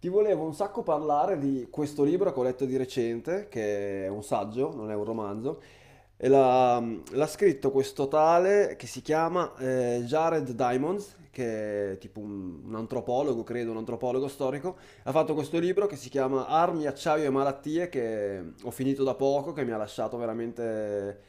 Ti volevo un sacco parlare di questo libro che ho letto di recente, che è un saggio, non è un romanzo, e l'ha scritto questo tale che si chiama Jared Diamonds, che è tipo un antropologo, credo, un antropologo storico, ha fatto questo libro che si chiama Armi, acciaio e malattie, che ho finito da poco, che mi ha lasciato veramente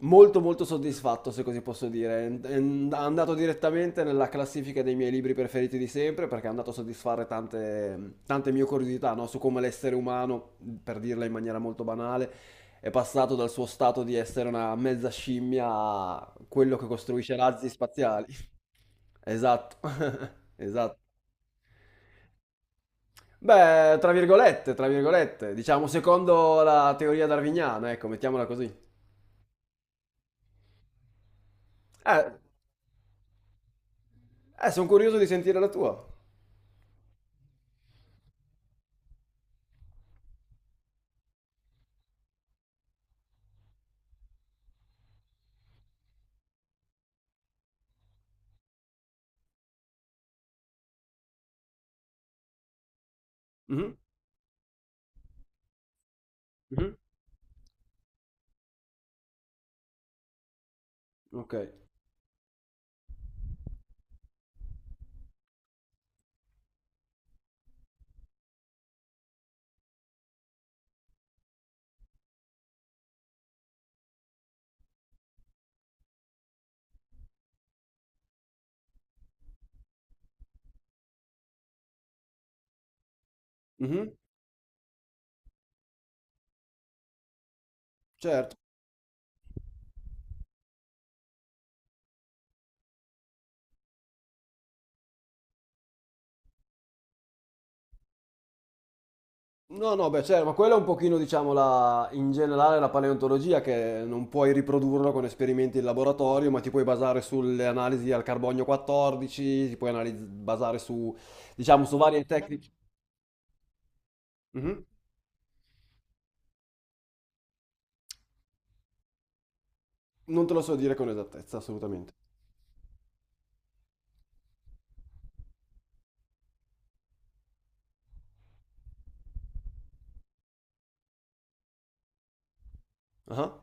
molto molto soddisfatto, se così posso dire. È andato direttamente nella classifica dei miei libri preferiti di sempre, perché è andato a soddisfare tante, tante mie curiosità, no? Su come l'essere umano, per dirla in maniera molto banale, è passato dal suo stato di essere una mezza scimmia a quello che costruisce razzi spaziali. Esatto, esatto. Beh, tra virgolette, diciamo secondo la teoria darwiniana, ecco, mettiamola così. Eh, sono curioso di sentire la tua. Mhm, mhm, ok. Mhm, certo. No, no, beh, certo, ma quella è un pochino, diciamo, in generale la paleontologia, che non puoi riprodurlo con esperimenti in laboratorio, ma ti puoi basare sulle analisi al carbonio 14, ti puoi basare su, diciamo, su varie tecniche. Mhm. Non te lo so dire con esattezza, assolutamente. Ah,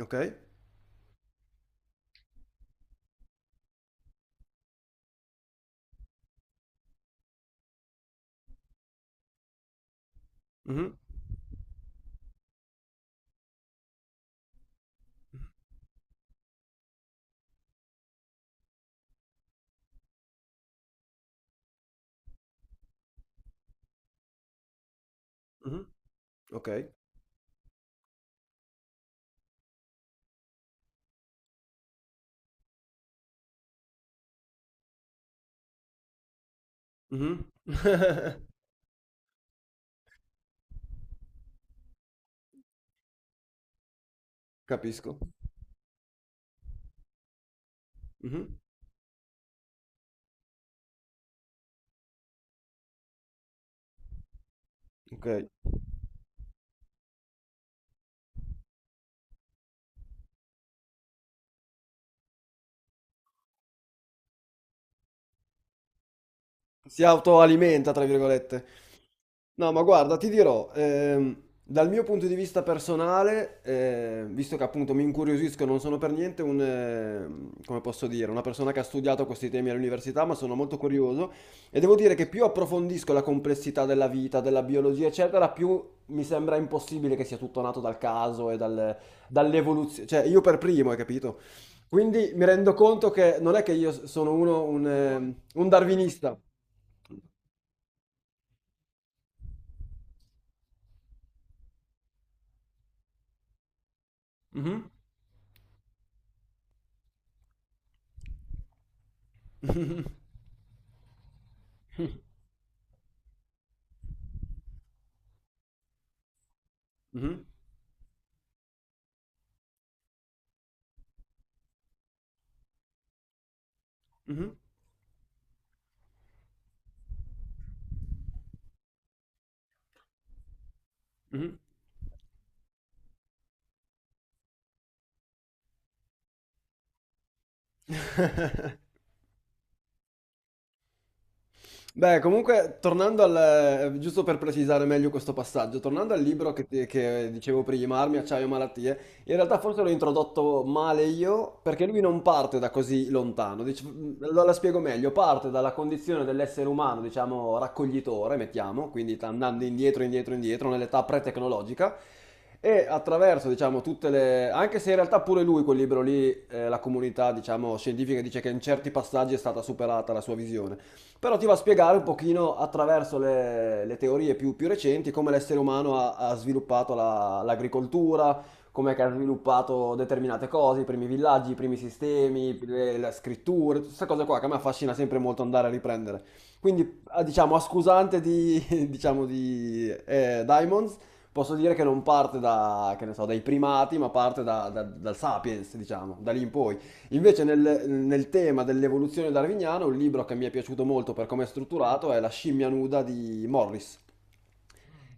ok. Mhm, mhm. Okay. Mh-mh. Capisco. Mh-mh. Okay. Si autoalimenta, tra virgolette. No, ma guarda, ti dirò, dal mio punto di vista personale, visto che appunto mi incuriosisco, non sono per niente come posso dire, una persona che ha studiato questi temi all'università, ma sono molto curioso e devo dire che più approfondisco la complessità della vita, della biologia, eccetera, più mi sembra impossibile che sia tutto nato dal caso e dall'evoluzione. Cioè, io per primo, hai capito? Quindi mi rendo conto che non è che io sono uno, un darwinista. Mhm. Mhm. Mhm. Mhm. Beh, comunque, giusto per precisare meglio questo passaggio, tornando al libro che dicevo prima, Armi, acciaio, malattie, in realtà forse l'ho introdotto male io, perché lui non parte da così lontano, la spiego meglio, parte dalla condizione dell'essere umano, diciamo, raccoglitore, mettiamo, quindi sta andando indietro, indietro, indietro, nell'età pre-tecnologica, e attraverso, diciamo, tutte le... anche se in realtà pure lui, quel libro lì, la comunità, diciamo, scientifica dice che in certi passaggi è stata superata la sua visione, però ti va a spiegare un pochino attraverso le teorie più recenti, come l'essere umano ha sviluppato l'agricoltura, come che ha sviluppato determinate cose, i primi villaggi, i primi sistemi, le scritture, tutte queste cose qua che a me affascina sempre molto andare a riprendere. Quindi, diciamo, a scusante di, diciamo, di Diamonds, posso dire che non parte da, che ne so, dai primati, ma parte dal sapiens, diciamo, da lì in poi. Invece nel tema dell'evoluzione darwiniana, un libro che mi è piaciuto molto per come è strutturato è La scimmia nuda di Morris.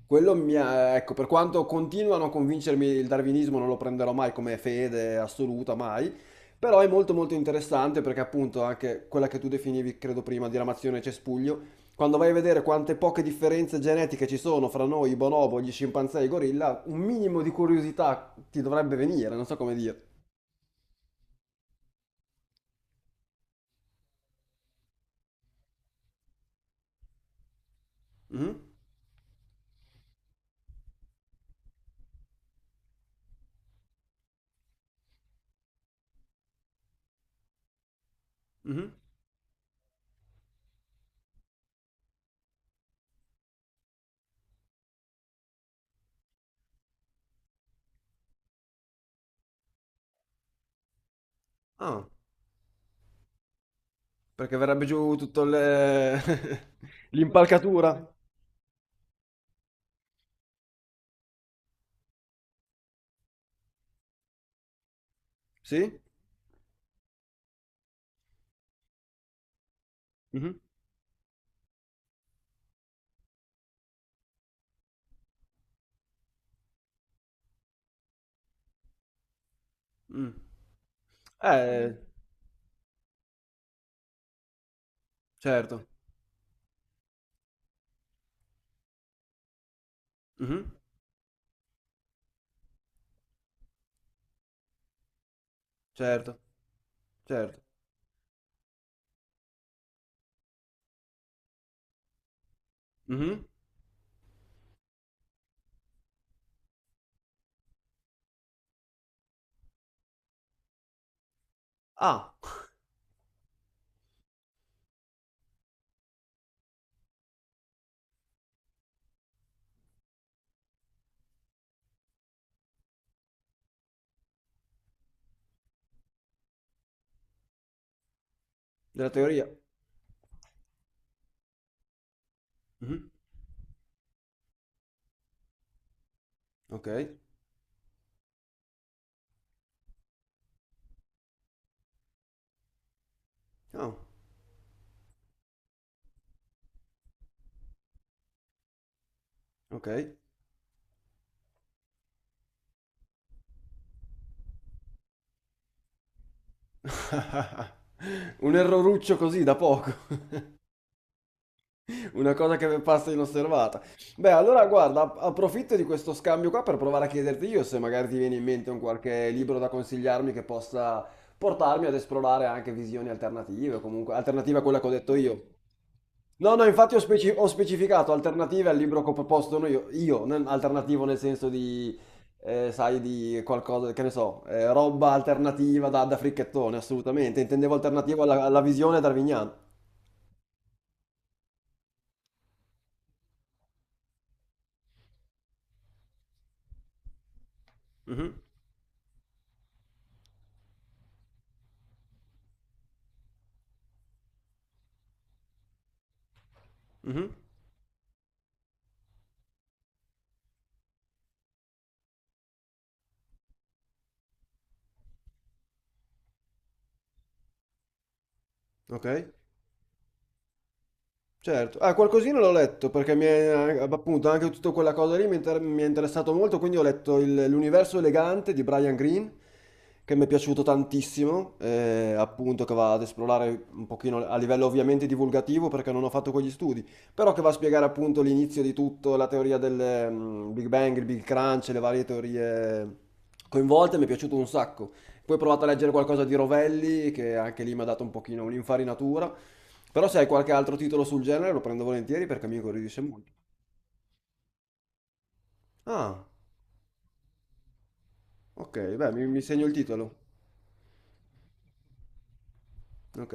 Quello mi ha, ecco, per quanto continua a non convincermi il darwinismo, non lo prenderò mai come fede assoluta, mai, però è molto molto interessante perché appunto anche quella che tu definivi, credo prima, diramazione cespuglio, quando vai a vedere quante poche differenze genetiche ci sono fra noi, i bonobo, gli scimpanzé e i gorilla, un minimo di curiosità ti dovrebbe venire, non so come dire. Mhm, mhm. Ah. Perché verrebbe giù tutto l'impalcatura. Sì? Mhm. Mm. Eh, certo. Mhm. Certo, certo. Mhm. Ah, della teoria. Mhm. Ok. Oh, ok. Un erroruccio così da poco. Una cosa che passa inosservata. Beh, allora guarda, approfitto di questo scambio qua per provare a chiederti io se magari ti viene in mente un qualche libro da consigliarmi che possa portarmi ad esplorare anche visioni alternative, o comunque alternative a quella che ho detto io. No, no, infatti ho, ho specificato alternative al libro che ho proposto io, non alternativo nel senso di, sai, di qualcosa, che ne so, roba alternativa da fricchettone, assolutamente. Intendevo alternativo alla visione darwiniana. Mhm, mhm, ok. Certo, ah, qualcosina l'ho letto perché appunto anche tutta quella cosa lì mi è interessato molto, quindi ho letto L'universo elegante di Brian Greene, che mi è piaciuto tantissimo, appunto che va ad esplorare un pochino a livello ovviamente divulgativo perché non ho fatto quegli studi, però che va a spiegare appunto l'inizio di tutto, la teoria del Big Bang, il Big Crunch, le varie teorie coinvolte, mi è piaciuto un sacco. Poi ho provato a leggere qualcosa di Rovelli, che anche lì mi ha dato un pochino un'infarinatura. Però se hai qualche altro titolo sul genere lo prendo volentieri perché mi incuriosisce molto. Ah, ok, beh, mi segno il titolo. Ok.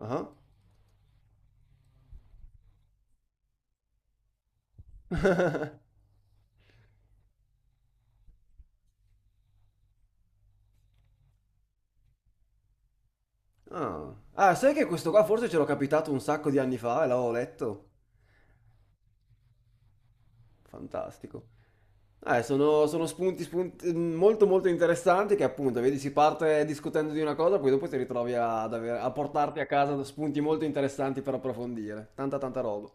Ah. Ah. Ah, sai che questo qua forse ce l'ho capitato un sacco di anni fa e l'avevo letto? Fantastico. Sono spunti, molto molto interessanti che appunto, vedi, si parte discutendo di una cosa, poi dopo ti ritrovi ad a portarti a casa spunti molto interessanti per approfondire. Tanta tanta roba.